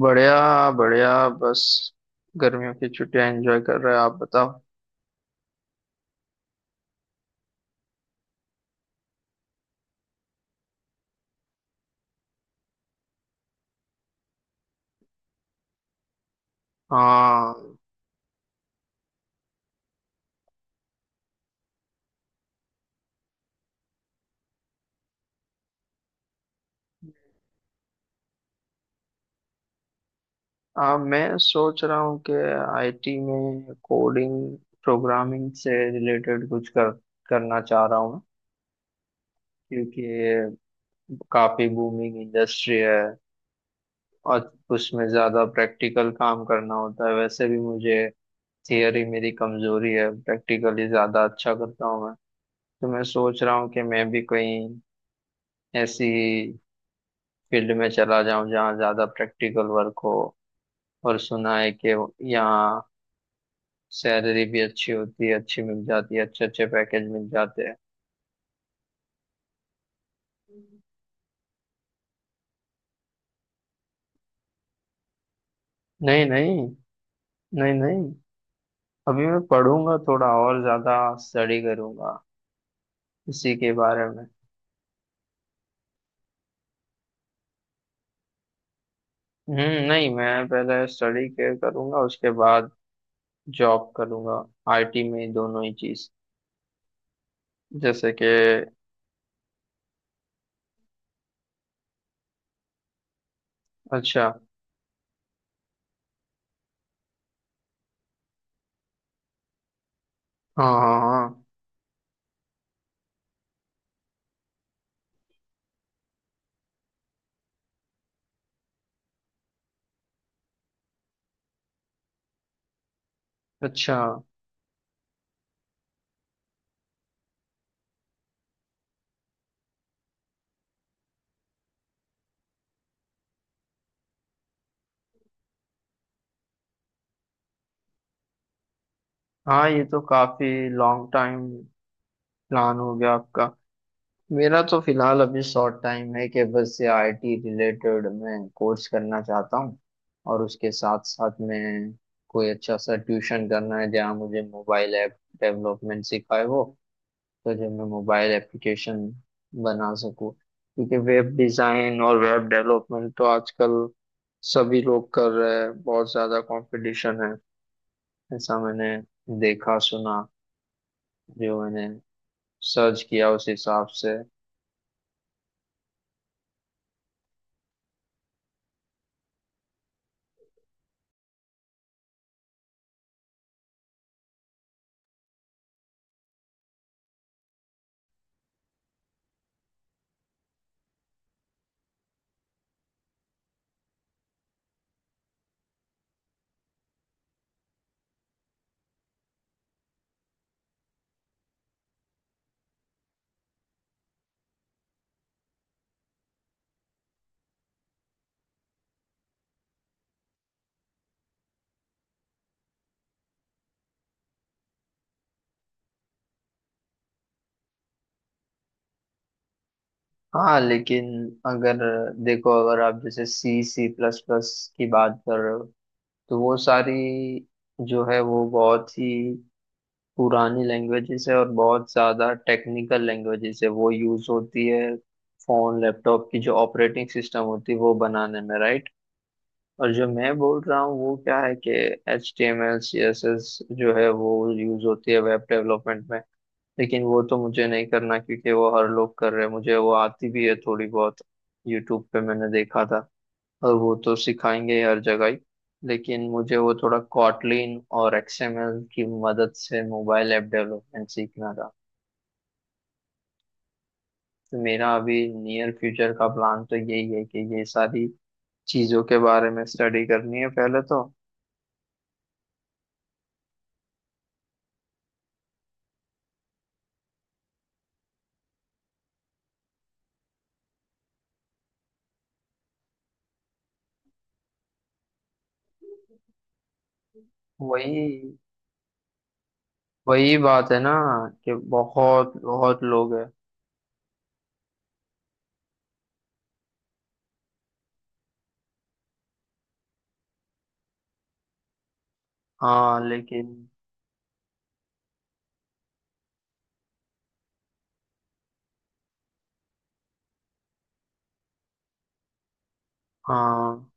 बढ़िया बढ़िया बस। गर्मियों की छुट्टियां एंजॉय कर रहे हैं। आप बताओ। हाँ। मैं सोच रहा हूँ कि आईटी में कोडिंग प्रोग्रामिंग से रिलेटेड कुछ कर करना चाह रहा हूँ। क्योंकि ये काफी बूमिंग इंडस्ट्री है और उसमें ज्यादा प्रैक्टिकल काम करना होता है। वैसे भी मुझे थियरी मेरी कमजोरी है, प्रैक्टिकली ज्यादा अच्छा करता हूँ मैं। तो मैं सोच रहा हूँ कि मैं भी कोई ऐसी फील्ड में चला जाऊं जहाँ ज्यादा प्रैक्टिकल वर्क हो। और सुना है कि यहाँ सैलरी भी अच्छी होती है, अच्छी मिल जाती है, अच्छे अच्छे पैकेज मिल जाते हैं। नहीं नहीं। नहीं नहीं। अभी मैं पढ़ूंगा थोड़ा और ज्यादा, स्टडी करूंगा इसी के बारे में। नहीं, मैं पहले स्टडी के करूंगा उसके बाद जॉब करूंगा। आईटी में ही दोनों ही चीज जैसे कि अच्छा। हाँ हाँ हाँ। अच्छा। हाँ, ये तो काफी लॉन्ग टाइम प्लान हो गया आपका। मेरा तो फिलहाल अभी शॉर्ट टाइम है कि बस ये आईटी रिलेटेड मैं कोर्स करना चाहता हूँ। और उसके साथ साथ मैं कोई अच्छा सा ट्यूशन करना है जहाँ मुझे मोबाइल ऐप डेवलपमेंट सिखाए हो। तो जो मैं मोबाइल एप्लीकेशन बना सकूँ। क्योंकि वेब डिज़ाइन और वेब डेवलपमेंट तो आजकल सभी लोग कर रहे हैं, बहुत ज़्यादा कंपटीशन है। ऐसा मैंने देखा सुना, जो मैंने सर्च किया उस हिसाब से। हाँ लेकिन अगर, देखो अगर आप जैसे सी सी प्लस प्लस की बात कर रहे हो, तो वो सारी जो है वो बहुत ही पुरानी लैंग्वेजेस है और बहुत ज़्यादा टेक्निकल लैंग्वेजेस है। वो यूज़ होती है फ़ोन लैपटॉप की जो ऑपरेटिंग सिस्टम होती है वो बनाने में, राइट। और जो मैं बोल रहा हूँ वो क्या है कि H T M L C S S जो है वो यूज होती है वेब डेवलपमेंट में। लेकिन वो तो मुझे नहीं करना क्योंकि वो हर लोग कर रहे हैं, मुझे वो आती भी है थोड़ी बहुत, यूट्यूब पे मैंने देखा था। और वो तो सिखाएंगे ही हर जगह ही। लेकिन मुझे वो थोड़ा कॉटलिन और एक्सएमएल की मदद से मोबाइल ऐप डेवलपमेंट सीखना था। तो मेरा अभी नियर फ्यूचर का प्लान तो यही है कि ये सारी चीज़ों के बारे में स्टडी करनी है पहले तो। वही वही बात है ना कि बहुत बहुत लोग हैं। हाँ लेकिन। हाँ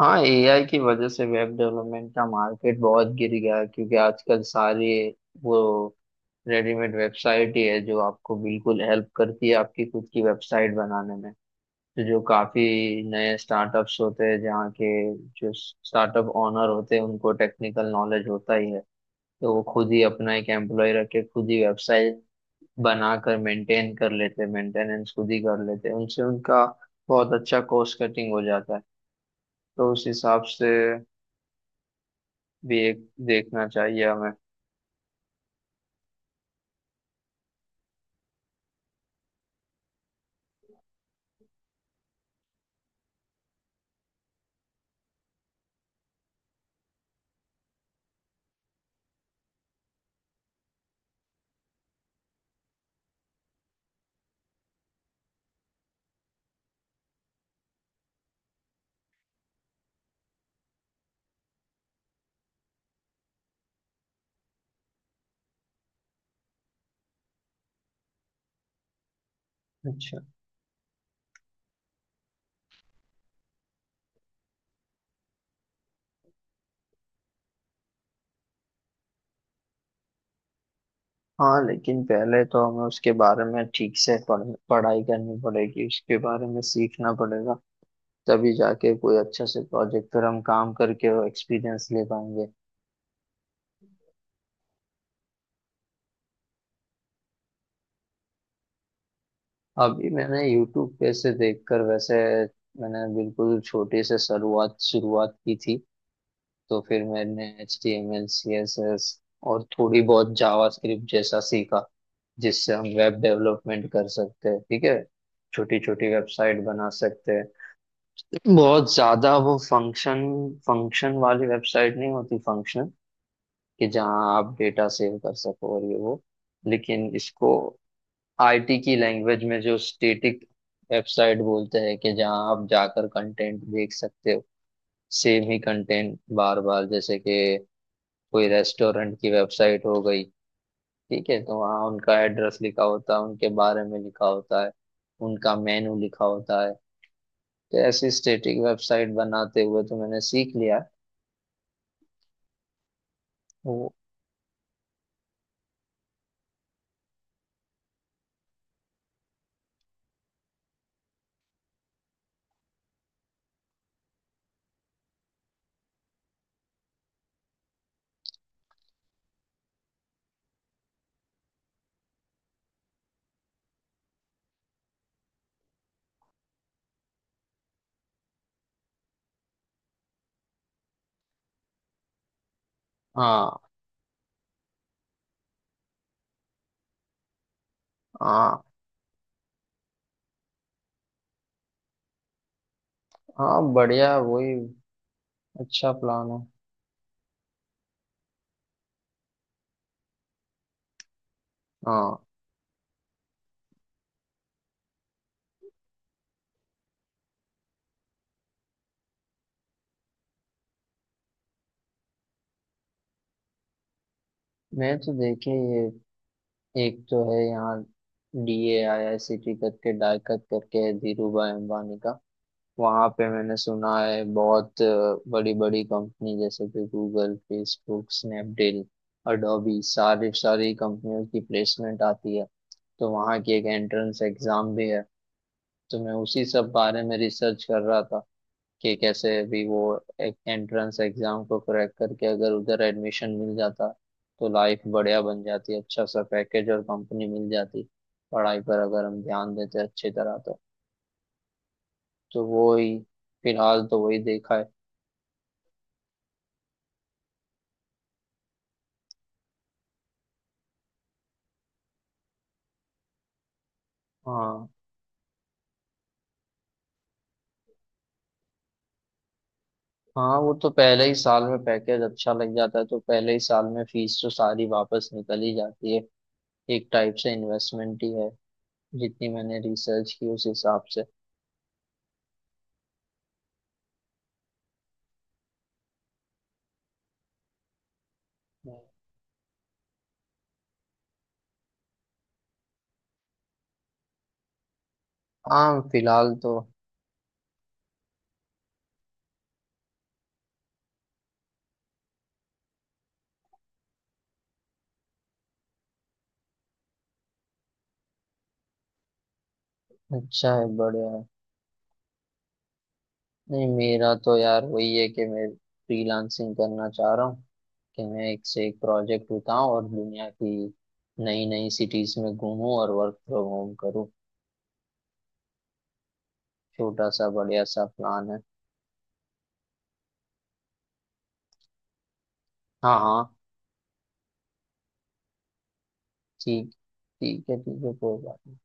हाँ, एआई की वजह से वेब डेवलपमेंट का मार्केट बहुत गिर गया है, क्योंकि आजकल सारी वो रेडीमेड वेबसाइट ही है जो आपको बिल्कुल हेल्प करती है आपकी खुद की वेबसाइट बनाने में। तो जो काफी नए स्टार्टअप्स होते हैं, जहाँ के जो स्टार्टअप ओनर होते हैं उनको टेक्निकल नॉलेज होता ही है। तो वो खुद ही अपना एक एम्प्लॉय रख के खुद ही वेबसाइट बनाकर मेंटेन कर लेते, मेंटेनेंस खुद ही कर लेते, उनसे उनका बहुत अच्छा कॉस्ट कटिंग हो जाता है। तो उस हिसाब से भी एक देखना चाहिए हमें। अच्छा। हाँ लेकिन पहले तो हमें उसके बारे में ठीक से पढ़, पढ़ाई करनी पड़ेगी, उसके बारे में सीखना पड़ेगा। तभी जाके कोई अच्छा से प्रोजेक्ट पर हम काम करके वो एक्सपीरियंस ले पाएंगे। अभी मैंने यूट्यूब पे से देखकर, वैसे मैंने बिल्कुल छोटे से शुरुआत शुरुआत की थी। तो फिर मैंने H T M L C S S और थोड़ी बहुत जावा स्क्रिप्ट जैसा सीखा, जिससे हम वेब डेवलपमेंट कर सकते हैं। ठीक है, छोटी छोटी वेबसाइट बना सकते हैं। बहुत ज्यादा वो फंक्शन फंक्शन वाली वेबसाइट नहीं होती। फंक्शन कि जहाँ आप डेटा सेव कर सको और ये वो। लेकिन इसको आईटी की लैंग्वेज में जो स्टेटिक वेबसाइट बोलते हैं, कि जहाँ आप जाकर कंटेंट देख सकते हो, सेम ही कंटेंट बार बार। जैसे कि कोई रेस्टोरेंट की वेबसाइट हो गई, ठीक है, तो वहाँ उनका एड्रेस लिखा होता है, उनके बारे में लिखा होता है, उनका मेनू लिखा होता है। तो ऐसी स्टेटिक वेबसाइट बनाते हुए तो मैंने सीख लिया वो। हाँ हाँ हाँ, बढ़िया। वही अच्छा प्लान है। हाँ। मैं तो देखे, ये एक तो है यहाँ DAIICT करके, डाइकत करके है, धीरूभाई अंबानी का। वहां पे मैंने सुना है बहुत बड़ी बड़ी कंपनी जैसे कि गूगल, फेसबुक, स्नैपडील, अडोबी, सारी सारी कंपनियों की प्लेसमेंट आती है। तो वहां की एक एंट्रेंस एग्जाम भी है। तो मैं उसी सब बारे में रिसर्च कर रहा था कि कैसे भी वो एक एंट्रेंस एग्जाम को क्रैक करके अगर उधर एडमिशन मिल जाता तो लाइफ बढ़िया बन जाती, अच्छा सा पैकेज और कंपनी मिल जाती, पढ़ाई पर अगर हम ध्यान देते अच्छी तरह तो। तो वो ही, फिलहाल तो वही देखा है। हाँ। हाँ, वो तो पहले ही साल में पैकेज अच्छा लग जाता है तो पहले ही साल में फीस तो सारी वापस निकल ही जाती है। एक टाइप से इन्वेस्टमेंट ही है, जितनी मैंने रिसर्च की उस हिसाब से। हाँ फिलहाल तो। अच्छा है, बढ़िया है। नहीं, मेरा तो यार वही है कि मैं फ्रीलांसिंग करना चाह रहा हूँ। कि मैं एक से एक प्रोजेक्ट उठाऊं और दुनिया की नई नई सिटीज में घूमूं और वर्क फ्रॉम होम करूं। छोटा सा बढ़िया सा प्लान है। हाँ हाँ। ठीक ठीक है, ठीक है, कोई बात नहीं।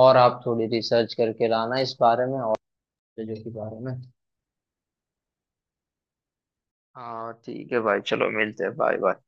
और आप थोड़ी रिसर्च करके लाना इस बारे में और चीजों के बारे में। हाँ ठीक है भाई, चलो मिलते हैं, बाय बाय।